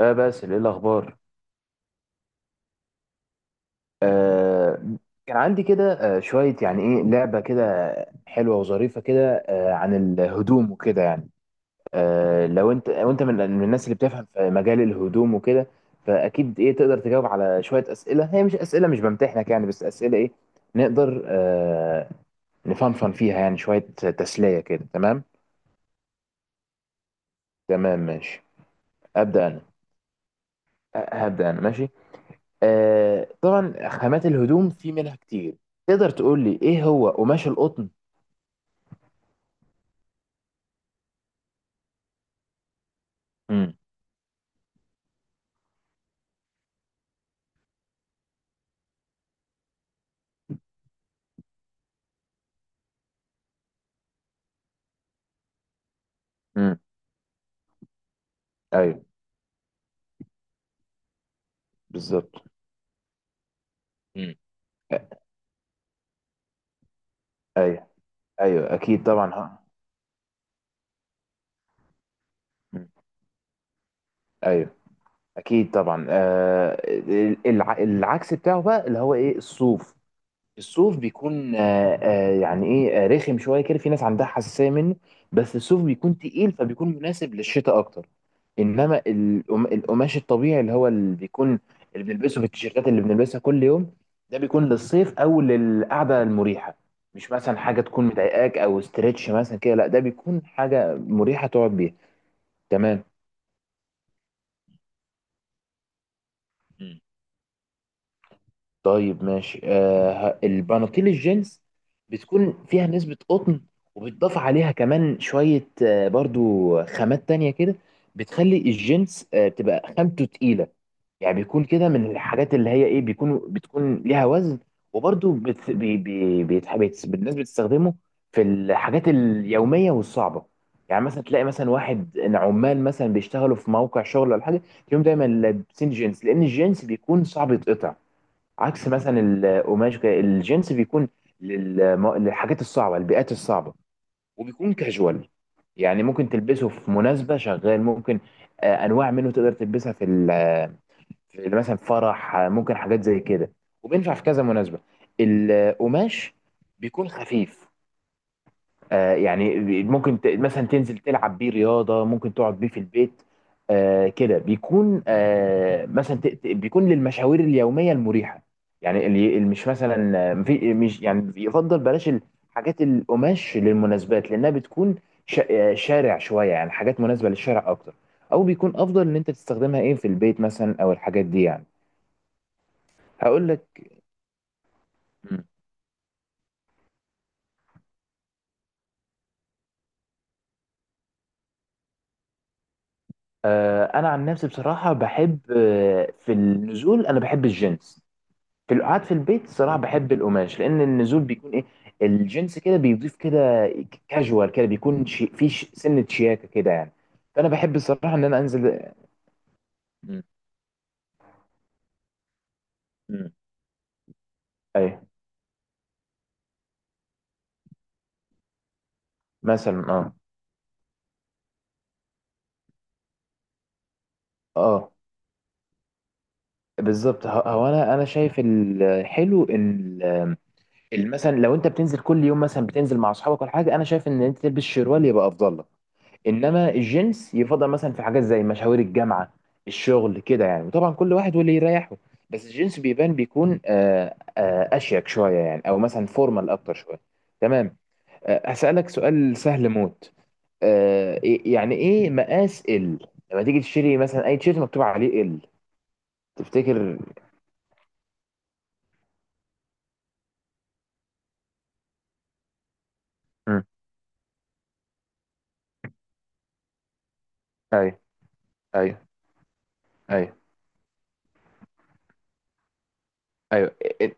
اه باسل ايه الاخبار؟ آه كان عندي كده شويه يعني لعبه كده حلوه وظريفه كده عن الهدوم وكده يعني. لو انت وانت من الناس اللي بتفهم في مجال الهدوم وكده، فاكيد تقدر تجاوب على شويه اسئله، هي مش اسئله، مش بمتحنك يعني، بس اسئله نقدر نفنفن فيها يعني شويه، تسليه كده. تمام تمام ماشي. ابدا انا. هبدا انا ماشي. طبعا خامات الهدوم في منها كتير، تقدر تقول لي ايه هو قماش القطن؟ امم. امم. ايوه. بالظبط. مم. ايوه، ايوه اكيد طبعا. ها. مم. ايوه اكيد طبعا. العكس بتاعه بقى اللي هو ايه، الصوف. الصوف بيكون يعني ايه، رخم شويه كده، في ناس عندها حساسيه منه، بس الصوف بيكون تقيل فبيكون مناسب للشتاء اكتر. انما القماش الطبيعي اللي هو اللي بيكون، اللي بنلبسه في التيشيرتات اللي بنلبسها كل يوم، ده بيكون للصيف او للقعده المريحه، مش مثلا حاجه تكون مضايقاك او استرتش مثلا كده، لا ده بيكون حاجه مريحه تقعد بيها. تمام. مم. طيب ماشي. البناطيل الجينز بتكون فيها نسبة قطن، وبتضاف عليها كمان شوية برضو خامات تانية كده، بتخلي الجينز بتبقى خامته تقيلة، يعني بيكون كده من الحاجات اللي هي ايه، بتكون ليها وزن. وبرده بت... بي... بي... بيتح... بيت... الناس بتستخدمه في الحاجات اليوميه والصعبه. يعني مثلا تلاقي مثلا واحد، إن عمال مثلا بيشتغلوا في موقع شغل ولا حاجه، تلاقيهم دايما لابسين جينز، لان الجينز بيكون صعب يتقطع عكس مثلا القماش كده. الجينز بيكون للحاجات الصعبه، البيئات الصعبه، وبيكون كاجوال، يعني ممكن تلبسه في مناسبه، شغال ممكن، انواع منه تقدر تلبسها في في مثلا فرح، ممكن حاجات زي كده، وبينفع في كذا مناسبة. القماش بيكون خفيف، يعني ممكن مثلا تنزل تلعب بيه رياضة، ممكن تقعد بيه في البيت، كده بيكون مثلا بيكون للمشاوير اليومية المريحة. يعني اللي مش مثلا مش يعني، يفضل بلاش الحاجات القماش للمناسبات، لأنها بتكون شارع شوية، يعني حاجات مناسبة للشارع أكتر، أو بيكون أفضل إن أنت تستخدمها إيه في البيت مثلا أو الحاجات دي يعني. هقول لك. مم. انا عن نفسي بصراحه بحب، في النزول انا بحب الجينز، في القعاد في البيت صراحه بحب القماش، لان النزول بيكون ايه، الجينز كده بيضيف كده كاجوال كده، بيكون شي في سنه شياكه كده يعني، فانا بحب الصراحه ان انا انزل. مم. مم. ايوه. مثلا اه. اه بالظبط. هو انا شايف الحلو ان ال- مثلا لو انت بتنزل كل يوم، مثلا بتنزل مع اصحابك ولا حاجه، انا شايف ان انت تلبس شروال يبقى افضل لك. انما الجنس يفضل مثلا في حاجات زي مشاوير الجامعه، الشغل كده يعني، وطبعا كل واحد واللي يريحه، بس الجنس بيبان بيكون اشيك شويه يعني، او مثلا فورمال اكتر شويه. تمام. هسالك سؤال سهل موت. يعني ايه مقاس ال، لما تيجي تشتري مثلا اي تيشيرت مكتوب عليه ال، تفتكر؟ مم. ايوه. ايوه. ايوه. ايوه. إيه- إيه،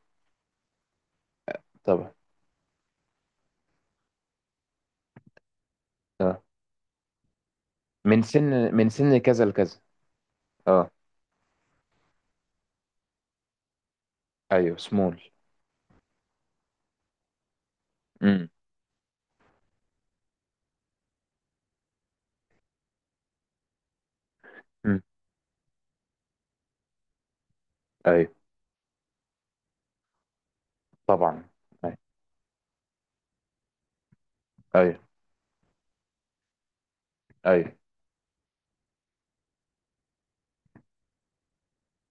طبعا. اه. من سن، من سن كذا لكذا. اه. ايوه سمول. امم. ايوه. طبعا. ايوه. ايوه.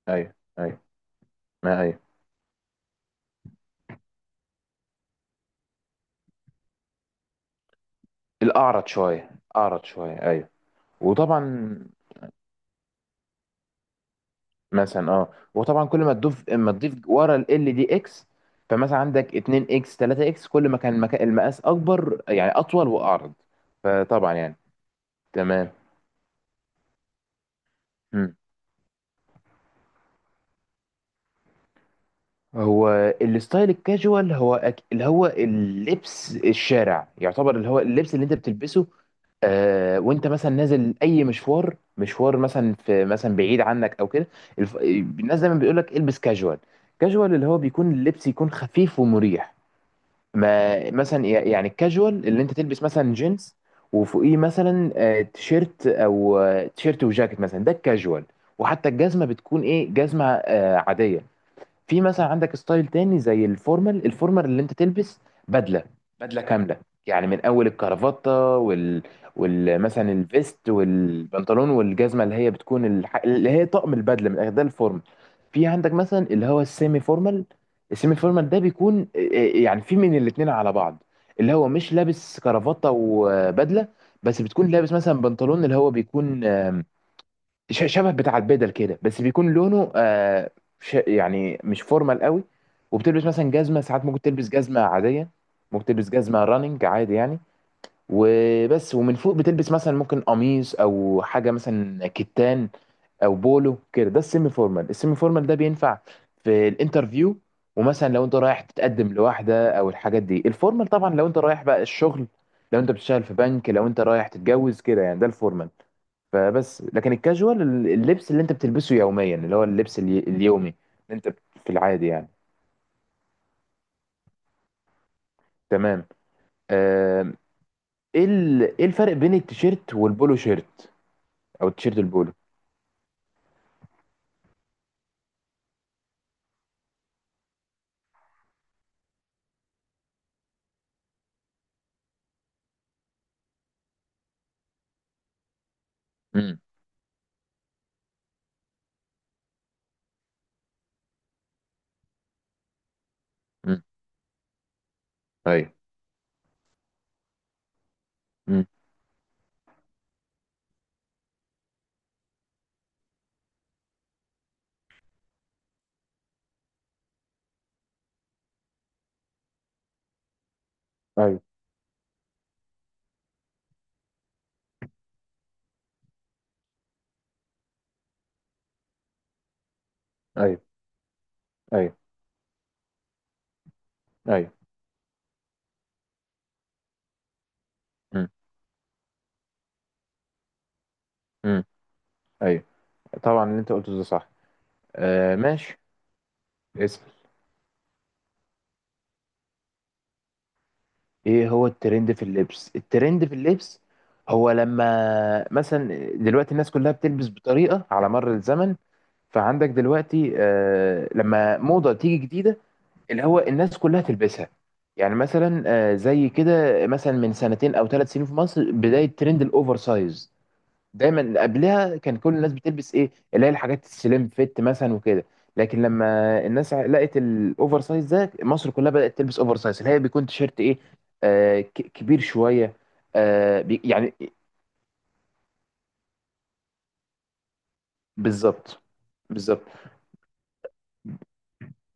ايوه. ايوه. ما ايوه. الاعرض شويه. اعرض شويه ايوه. وطبعا مثلا اه. وطبعا كل ما تضيف ورا ال دي اكس، فمثلا عندك 2 اكس 3 اكس، كل ما كان المقاس اكبر، يعني اطول واعرض، فطبعا يعني. تمام. مم. هو الستايل الكاجوال هو اللي هو اللبس الشارع يعتبر، اللي هو اللبس اللي انت بتلبسه وانت مثلا نازل اي مشوار، مثلا في مثلا بعيد عنك او كده. الناس دايما بيقول لك البس كاجوال. كاجوال اللي هو بيكون اللبس يكون خفيف ومريح. ما مثلا يعني الكاجوال اللي انت تلبس مثلا جينز وفوقيه مثلا تيشيرت او تيشيرت وجاكيت مثلا، ده الكاجوال، وحتى الجزمه بتكون ايه، جزمه عاديه. في مثلا عندك ستايل تاني زي الفورمال. الفورمال اللي انت تلبس بدله، بدله كامله، يعني من اول الكرافته وال مثلا الفيست والبنطلون والجزمه اللي هي بتكون اللي هي طقم البدله من الآخر، ده الفورمال. في عندك مثلا اللي هو السيمي فورمال. السيمي فورمال ده بيكون يعني في من الاتنين على بعض، اللي هو مش لابس كرافته وبدله، بس بتكون لابس مثلا بنطلون اللي هو بيكون شبه بتاع البدل كده، بس بيكون لونه آه ش يعني مش فورمال قوي. وبتلبس مثلا جزمه، ساعات ممكن تلبس جزمه عاديه، ممكن تلبس جزمه راننج عادي يعني. وبس. ومن فوق بتلبس مثلا ممكن قميص او حاجه مثلا كتان او بولو كده، ده السيمي فورمال. السيمي فورمال ده بينفع في الانترفيو، ومثلا لو انت رايح تتقدم لواحده او الحاجات دي. الفورمال طبعا لو انت رايح بقى الشغل، لو انت بتشتغل في بنك، لو انت رايح تتجوز كده يعني، ده الفورمال. فبس لكن الكاجوال اللبس اللي انت بتلبسه يوميا، اللي هو اللبس اليومي اللي انت في العادي يعني. تمام. آم، ايه ايه الفرق بين التيشيرت والبولو شيرت، او التيشيرت البولو؟ امم. امم. ايوه. امم. ايوه. ايوه. ايوه. ايوه. امم. امم. ايوه، طبعا اللي انت قلته ده صح. آه ماشي. ايه هو الترند في اللبس؟ الترند في اللبس هو لما مثلا دلوقتي الناس كلها بتلبس بطريقة على مر الزمن. فعندك دلوقتي لما موضة تيجي جديدة اللي هو الناس كلها تلبسها، يعني مثلا زي كده مثلا من سنتين او ثلاث سنين في مصر بداية ترند الاوفر سايز. دايما قبلها كان كل الناس بتلبس ايه، اللي هي الحاجات السليم فيت مثلا وكده. لكن لما الناس لقت الاوفر سايز ده، مصر كلها بدأت تلبس اوفر سايز، اللي هي بيكون تيشيرت ايه، آه ك- كبير شوية. آه بي يعني بالظبط. بالظبط.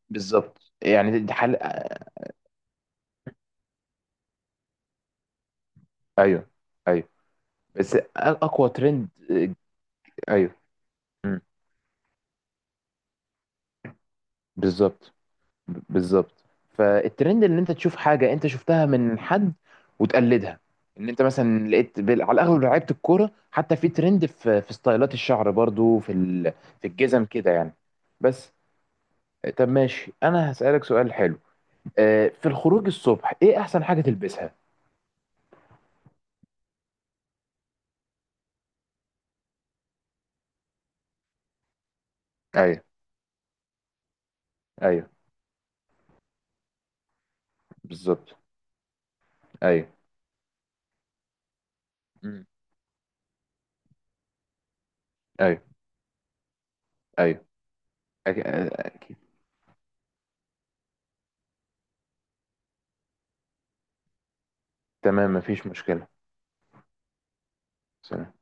بالظبط، يعني دي حل. ايوه. ايوه. بس اقوى ترند ايوه. مم. بالظبط. بالظبط. فالترند ان انت تشوف حاجه انت شفتها من حد وتقلدها، ان انت مثلا لقيت على الاغلب لعيبه الكوره، حتى في ترند في ستايلات الشعر برضو في في الجزم كده يعني. بس. طب ماشي انا هسألك سؤال حلو، في الخروج الصبح ايه احسن حاجه تلبسها؟ ايوه. ايوه بالظبط. ايوه. مم. ايوه. ايوه أك... اكيد. تمام مفيش مشكله. سلام.